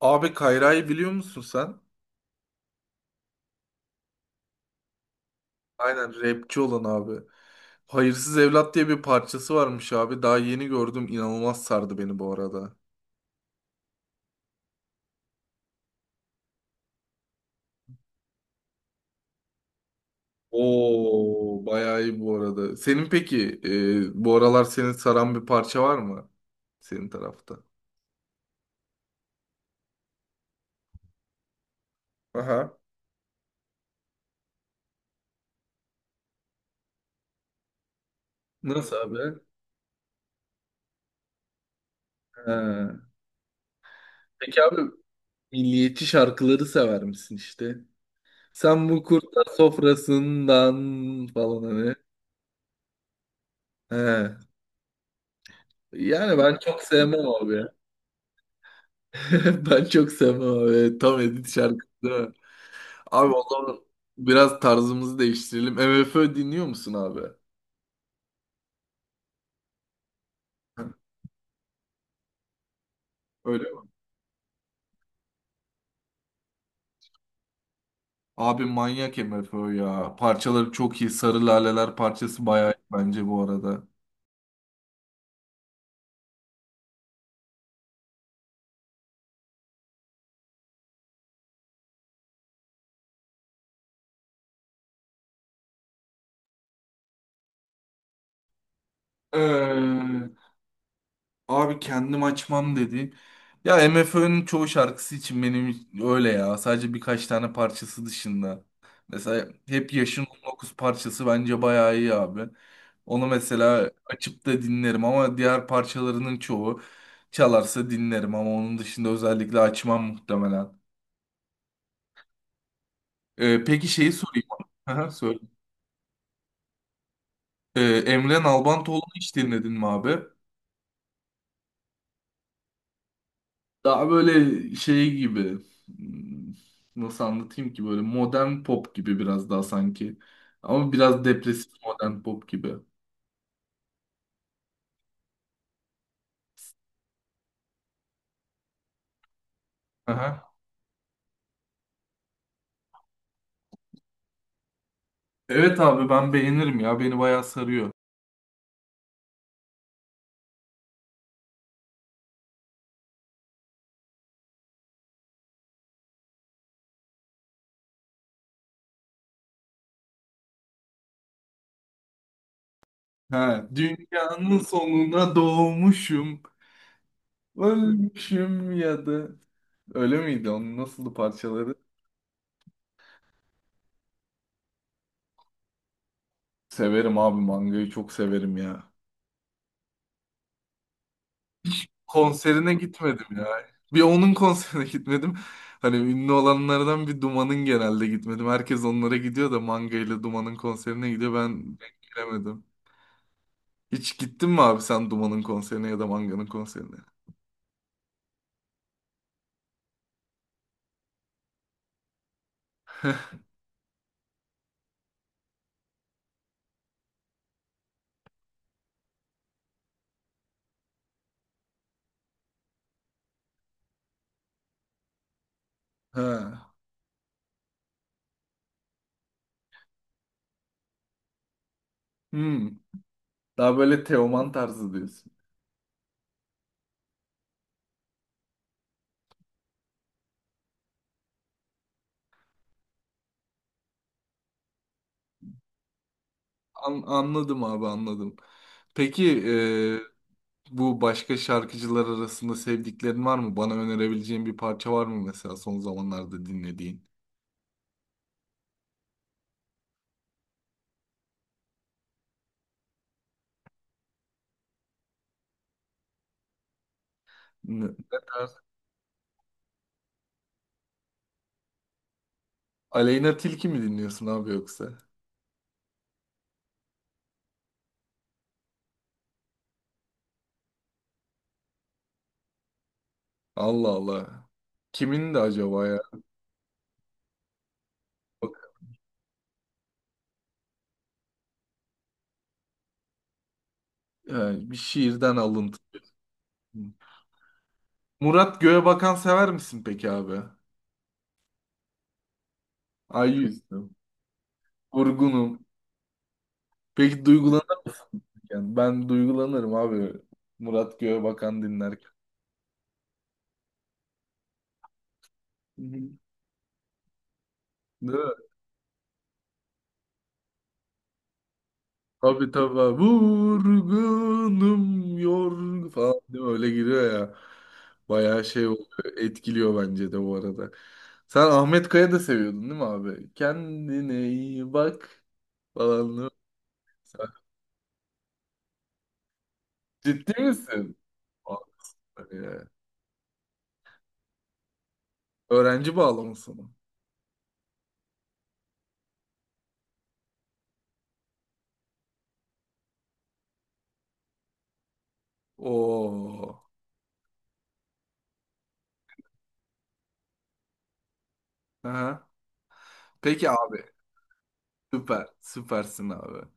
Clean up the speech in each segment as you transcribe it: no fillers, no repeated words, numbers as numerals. Abi Kayra'yı biliyor musun sen? Aynen rapçi olan abi. Hayırsız Evlat diye bir parçası varmış abi. Daha yeni gördüm. İnanılmaz sardı beni bu arada. Oo, bayağı iyi bu arada. Senin peki bu aralar seni saran bir parça var mı? Senin tarafta. Aha. Nasıl abi? Ha. Peki abi milliyetçi şarkıları sever misin işte? Sen bu kurtlar sofrasından falan hani. He. Yani ben çok sevmem abi Ben çok sevmem abi. Tam edit şarkısı değil mi? Abi o zaman biraz tarzımızı değiştirelim. MFÖ dinliyor musun abi? Heh, öyle mi? Abi manyak MFÖ ya. Parçaları çok iyi. Sarı Laleler parçası bayağı iyi bence bu arada. Ee, Abi kendim açmam dedi. Ya MFÖ'nün çoğu şarkısı için benim öyle ya. Sadece birkaç tane parçası dışında. Mesela Hep Yaşın 19 parçası bence bayağı iyi abi. Onu mesela açıp da dinlerim ama diğer parçalarının çoğu çalarsa dinlerim ama onun dışında özellikle açmam muhtemelen. Peki şeyi sorayım. Aha, söyle. Emre Nalbantoğlu'nu hiç dinledin mi abi? Daha böyle şey gibi, hmm, nasıl anlatayım ki, böyle modern pop gibi biraz daha sanki. Ama biraz depresif modern pop gibi. Aha. Evet abi ben beğenirim ya. Beni bayağı sarıyor. Ha, dünyanın sonuna doğmuşum, ölmüşüm ya da öyle miydi? Onun nasıldı parçaları? Severim abi, mangayı çok severim ya. Konserine gitmedim ya. Bir onun konserine gitmedim. Hani ünlü olanlardan bir Duman'ın genelde gitmedim. Herkes onlara gidiyor da Manga ile Duman'ın konserine gidiyor. Ben denk gelemedim. Hiç gittin mi abi sen Duman'ın konserine ya da Manga'nın konserine? Ha. Hmm. Daha böyle Teoman tarzı diyorsun. Anladım abi, anladım. Peki bu başka şarkıcılar arasında sevdiklerin var mı? Bana önerebileceğin bir parça var mı mesela, son zamanlarda dinlediğin? Ne? Aleyna Tilki mi dinliyorsun abi yoksa? Allah Allah. Kimin de acaba ya? Bak, yani bir şiirden alıntı. Murat Göğebakan sever misin peki abi? Ay yüzdüm. Vurgunum. Peki duygulanırken. Ben duygulanırım abi. Murat Göğebakan dinlerken. Hı hı. Değil mi? Tabii tabii. Vurgunum yorgun falan değil mi? Öyle giriyor ya. Bayağı şey oluyor, etkiliyor bence de bu arada. Sen Ahmet Kaya da seviyordun değil mi abi? Kendine iyi bak falan, değil mi? Sen- Ciddi misin? Vay be. Öğrenci bağlaması mı? Oo. Aha. Peki abi. Süper. Süpersin abi.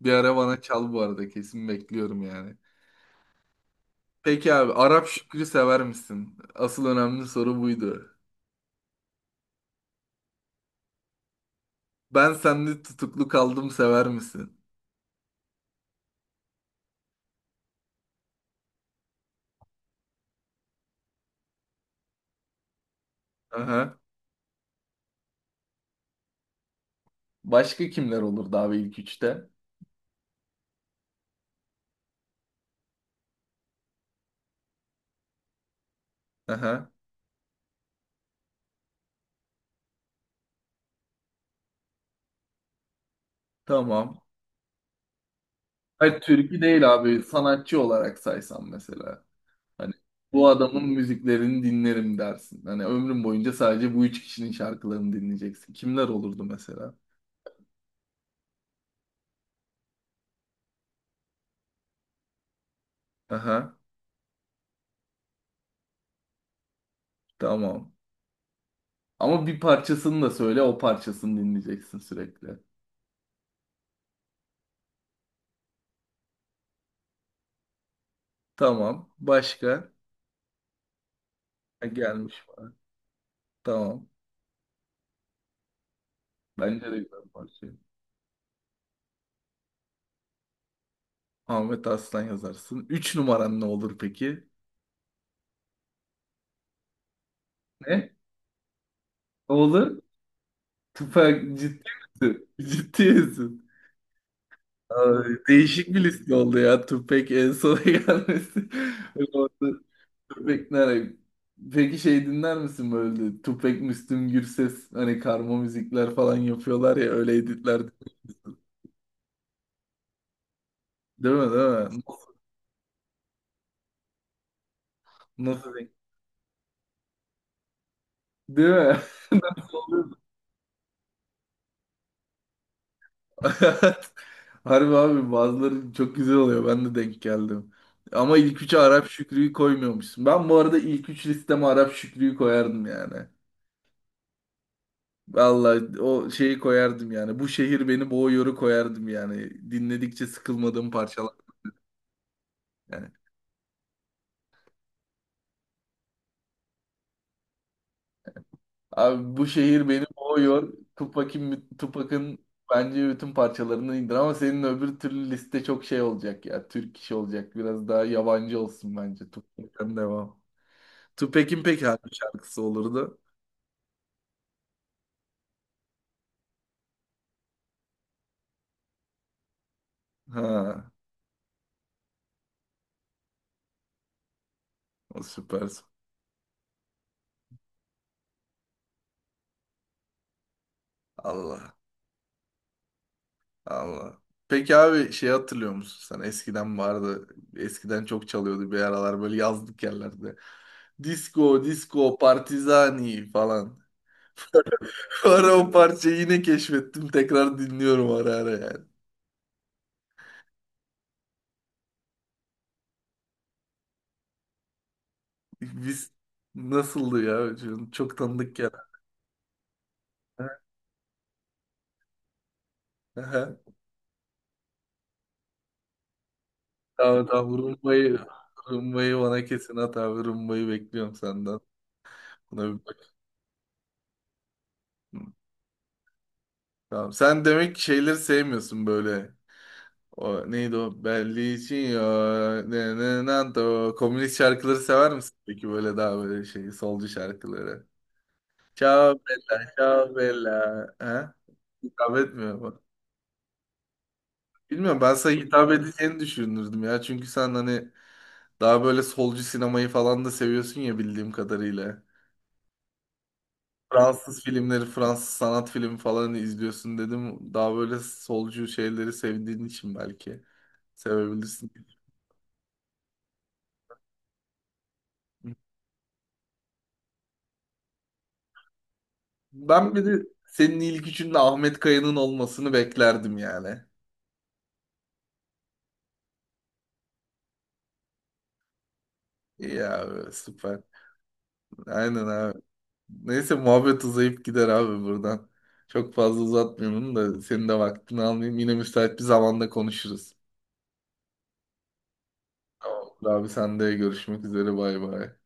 Bir ara bana çal bu arada. Kesin bekliyorum yani. Peki abi, Arap Şükrü sever misin? Asıl önemli soru buydu. Ben Senli Tutuklu Kaldım sever misin? Aha. Başka kimler olurdu abi ilk üçte? Aha. Tamam. Hayır, türkü değil abi, sanatçı olarak saysam mesela. Hani bu adamın müziklerini dinlerim dersin. Hani ömrüm boyunca sadece bu üç kişinin şarkılarını dinleyeceksin. Kimler olurdu mesela? Aha. Tamam. Ama bir parçasını da söyle, o parçasını dinleyeceksin sürekli. Tamam. Başka? Ha, gelmiş bana. Tamam. Bence de güzel bir parça. Ahmet Arslan yazarsın. 3 numaran ne olur peki? Ne? Ne olur? Tüfek, ciddi misin? Ciddi misin? Ay, değişik bir liste oldu ya. Tüpek en sona gelmesi. Orada Tüfek nereye? Peki şey dinler misin böyle? Tüfek, Müslüm Gürses hani karma müzikler falan yapıyorlar ya, öyle editler. Değil mi, değil mi? Nasıl? Değil mi? Oluyordu. Harbi abi, bazıları çok güzel oluyor. Ben de denk geldim. Ama ilk üçe Arap Şükrü'yü koymuyormuşsun. Ben bu arada ilk üç listeme Arap Şükrü'yü koyardım yani. Vallahi o şeyi koyardım yani. Bu Şehir Beni Boğuyor'u koyardım yani. Dinledikçe sıkılmadığım parçalar yani. Abi, Bu Şehir Beni Boğuyor. Tupac'ın bence bütün parçalarını indir ama senin öbür türlü liste çok şey olacak ya. Türk işi olacak. Biraz daha yabancı olsun bence. Tupac'ten devam. Tupac'in peki hangi şarkısı olurdu? Ha, o süpersin. Allah Allah. Peki abi, şey hatırlıyor musun sen? Eskiden vardı. Eskiden çok çalıyordu bir aralar böyle yazlık yerlerde. Disco, disco, partizani falan. Ara o parçayı yine keşfettim. Tekrar dinliyorum ara ara yani. Biz, nasıldı ya? Çok çok tanıdık ya. Aha. Tamam tamam, rumbayı bana kesin at abi. Rumbayı bekliyorum senden. Buna bir bak. Tamam. Sen demek ki şeyleri sevmiyorsun böyle. O neydi o? Belli için ya. Ne ne ne o. Komünist şarkıları sever misin peki, böyle daha böyle şey, solcu şarkıları? Ciao bella, ciao bella. Ha? Hitap etmiyor mu? Bilmiyorum, ben sana hitap edeceğini düşünürdüm ya. Çünkü sen hani daha böyle solcu sinemayı falan da seviyorsun ya, bildiğim kadarıyla. Fransız filmleri, Fransız sanat filmi falan izliyorsun dedim. Daha böyle solcu şeyleri sevdiğin için belki sevebilirsin. Ben bir de senin ilk üçünde Ahmet Kaya'nın olmasını beklerdim yani. İyi abi, süper. Aynen abi. Neyse, muhabbet uzayıp gider abi buradan. Çok fazla uzatmayalım da senin de vaktini almayayım. Yine müsait bir zamanda konuşuruz. Tamam. Abi sen de görüşmek üzere, bay bay.